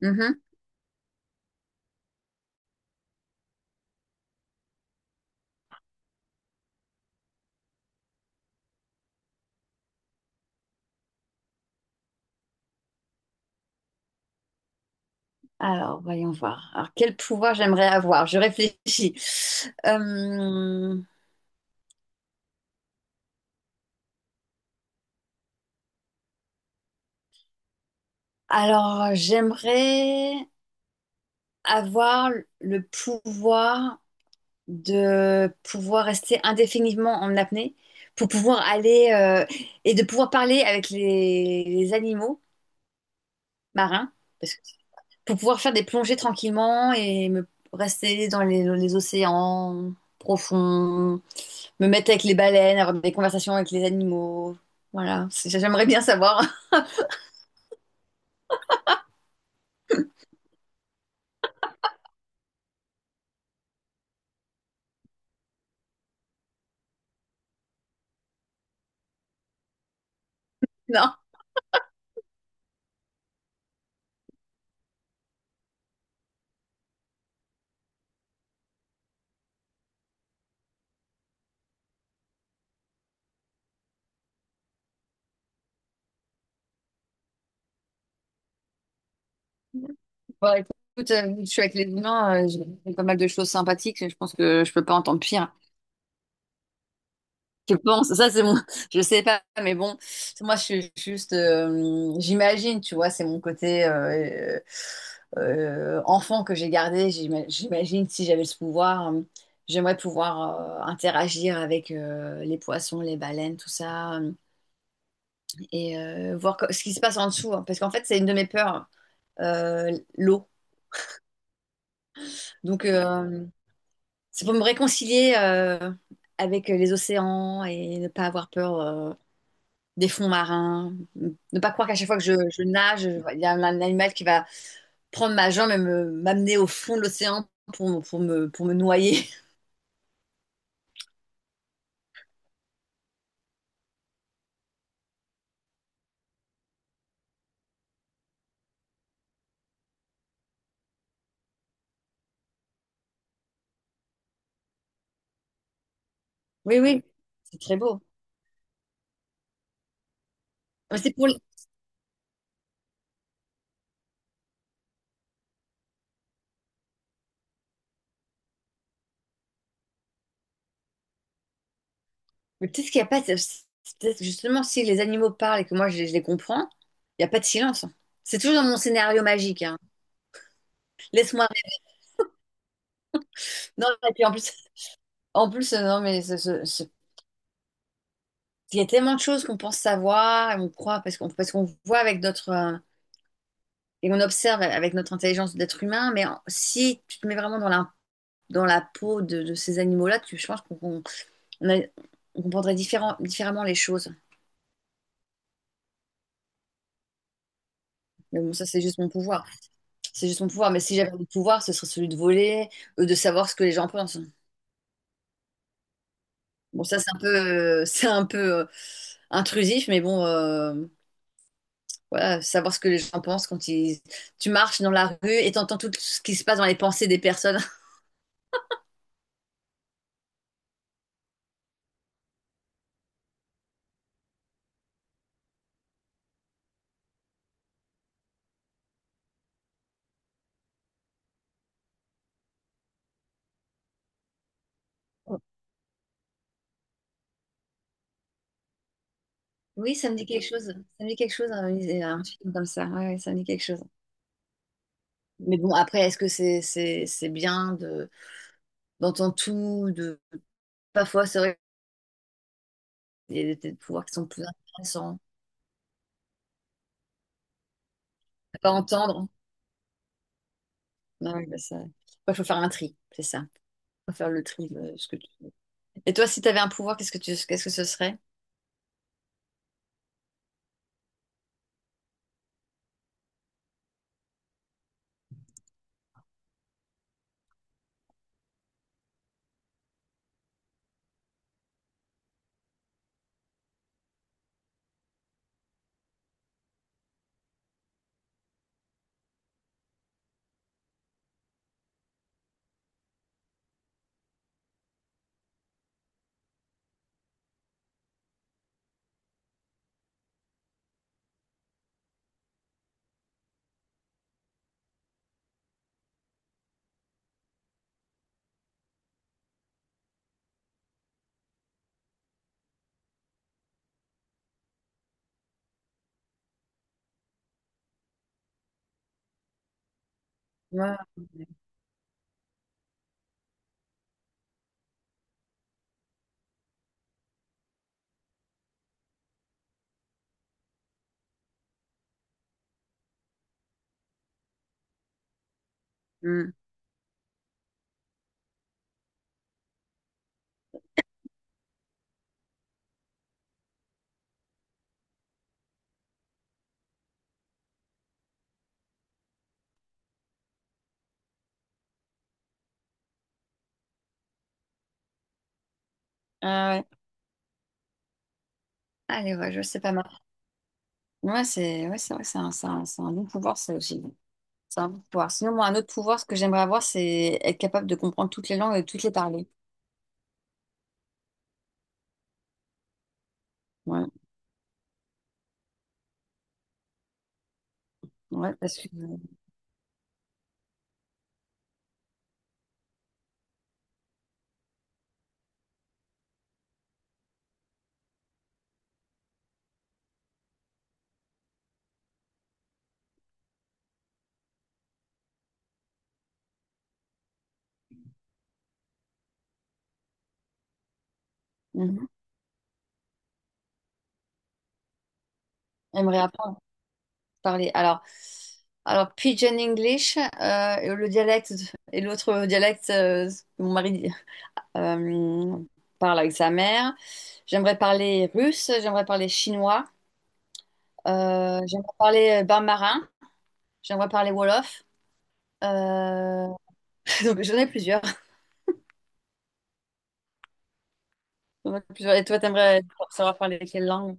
Mhm. Alors, voyons voir. Alors, quel pouvoir j'aimerais avoir? Je réfléchis. Euh, alors, j'aimerais avoir le pouvoir de pouvoir rester indéfiniment en apnée, pour pouvoir aller et de pouvoir parler avec les animaux marins, parce que- pour pouvoir faire des plongées tranquillement et me rester dans les océans profonds. Me mettre avec les baleines, avoir des conversations avec les animaux. Voilà. J'aimerais bien savoir. Non. Bon, écoute, je suis avec les humains. J'ai fait pas mal de choses sympathiques, je pense que je peux pas entendre pire. Je pense, ça c'est mon, je sais pas, mais bon, moi je suis juste, j'imagine, tu vois, c'est mon côté enfant que j'ai gardé. J'imagine si j'avais ce pouvoir, j'aimerais pouvoir interagir avec les poissons, les baleines, tout ça. Et voir ce qui se passe en dessous, hein. Parce qu'en fait, c'est une de mes peurs, euh, l'eau. Donc, c'est pour me réconcilier avec les océans et ne pas avoir peur des fonds marins. Ne pas croire qu'à chaque fois que je nage, il y a un animal qui va prendre ma jambe et m'amener au fond de l'océan pour, pour me noyer. Oui, oui, c'est très beau. Mais c'est pour... mais peut-être qu'il n'y a pas... c'est peut-être justement, si les animaux parlent et que moi, je les comprends, il n'y a pas de silence, hein. C'est toujours dans mon scénario magique, hein. Laisse-moi rêver. Non, et puis en plus, non, mais il y a tellement de choses qu'on pense savoir, et on croit, parce qu'on voit avec notre. Et on observe avec notre intelligence d'être humain, mais si tu te mets vraiment dans dans la peau de ces animaux-là, tu, je pense on a- on comprendrait différemment les choses. Mais bon, ça, c'est juste mon pouvoir. C'est juste mon pouvoir. Mais si j'avais le pouvoir, ce serait celui de voler, de savoir ce que les gens pensent. Bon, ça, c'est un peu, c'est un peu intrusif, mais bon. Voilà, savoir ce que les gens pensent quand ils... tu marches dans la rue et t'entends tout ce qui se passe dans les pensées des personnes. Oui, ça me dit quelque chose. Ça me dit quelque chose, un film comme ça. Ouais, ouais, ça me dit quelque chose. Mais bon, après, est-ce que c'est bien de d'entendre tout, de parfois c'est vrai qu'il y a des pouvoirs qui sont plus intéressants à pas entendre. Non, ouais, bah ça... ouais, faut faire un tri, c'est ça. Faut faire le tri de ce que tu. Et toi, si tu avais un pouvoir, qu'est-ce que ce serait? Ouais. Hmm. Ah ouais. Allez, ouais, je sais pas mal. Ouais, c'est vrai, c'est un bon pouvoir, ça aussi. C'est un bon pouvoir. Sinon, moi, un autre pouvoir, ce que j'aimerais avoir, c'est être capable de comprendre toutes les langues et de toutes les parler. Ouais, ouais, parce que... Mhm. J'aimerais apprendre à parler. Alors Pigeon English, et le dialecte et l'autre dialecte que mon mari Euh, parle avec sa mère. J'aimerais parler russe, j'aimerais parler chinois, j'aimerais parler bain marin, j'aimerais parler wolof. Euh, Donc j'en ai plusieurs. J'en ai plusieurs. Et toi, t'aimerais savoir parler quelle langue?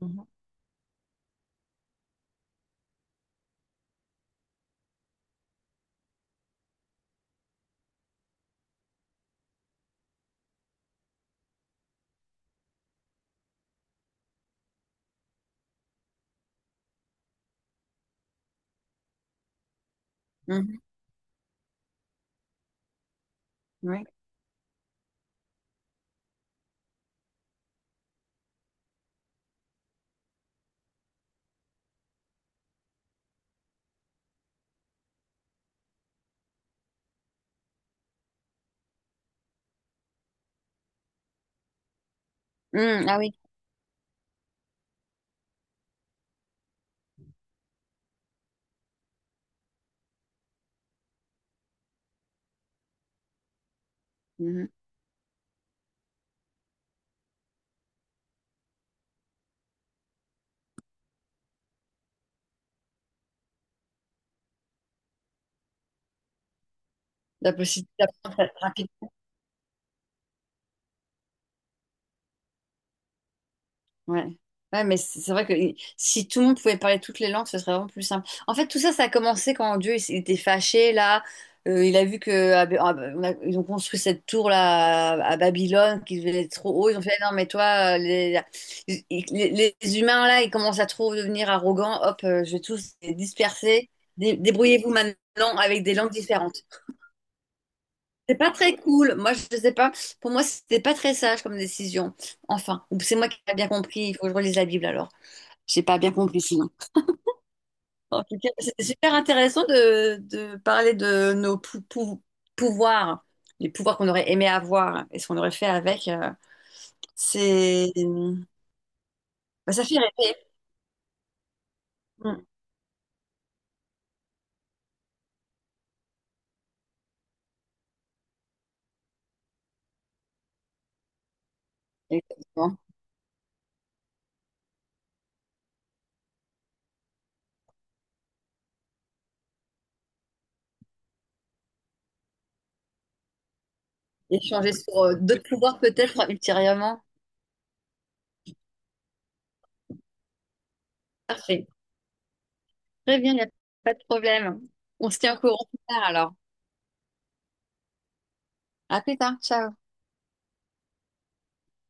Mhm. Mhm. Oui. Mm, ah oui. Mhm. La possibilité d'apprendre rapidement. Ouais. Ouais, mais c'est vrai que si tout le monde pouvait parler toutes les langues ce serait vraiment plus simple en fait. Tout ça ça a commencé quand Dieu il était fâché là. Il a vu que ah, ben, ils ont construit cette tour là à Babylone qui était trop haut, ils ont fait non mais toi les les humains là ils commencent à trop devenir arrogants, hop je vais tous les disperser. Débrouillez-vous maintenant avec des langues différentes. C'est pas très cool. Moi, je sais pas. Pour moi, c'était pas très sage comme décision. Enfin, ou c'est moi qui n'ai pas bien compris. Il faut que je relise la Bible alors. J'ai pas bien compris sinon. En tout cas, c'était super intéressant de parler de nos pouvoirs, les pouvoirs qu'on aurait aimé avoir et ce qu'on aurait fait avec. C'est, bah, ça fait rêver. Mm. Exactement. Échanger sur d'autres pouvoirs peut-être ultérieurement. Parfait. Très bien, il n'y a pas de problème. On se tient au courant plus tard alors. À plus tard. Ciao.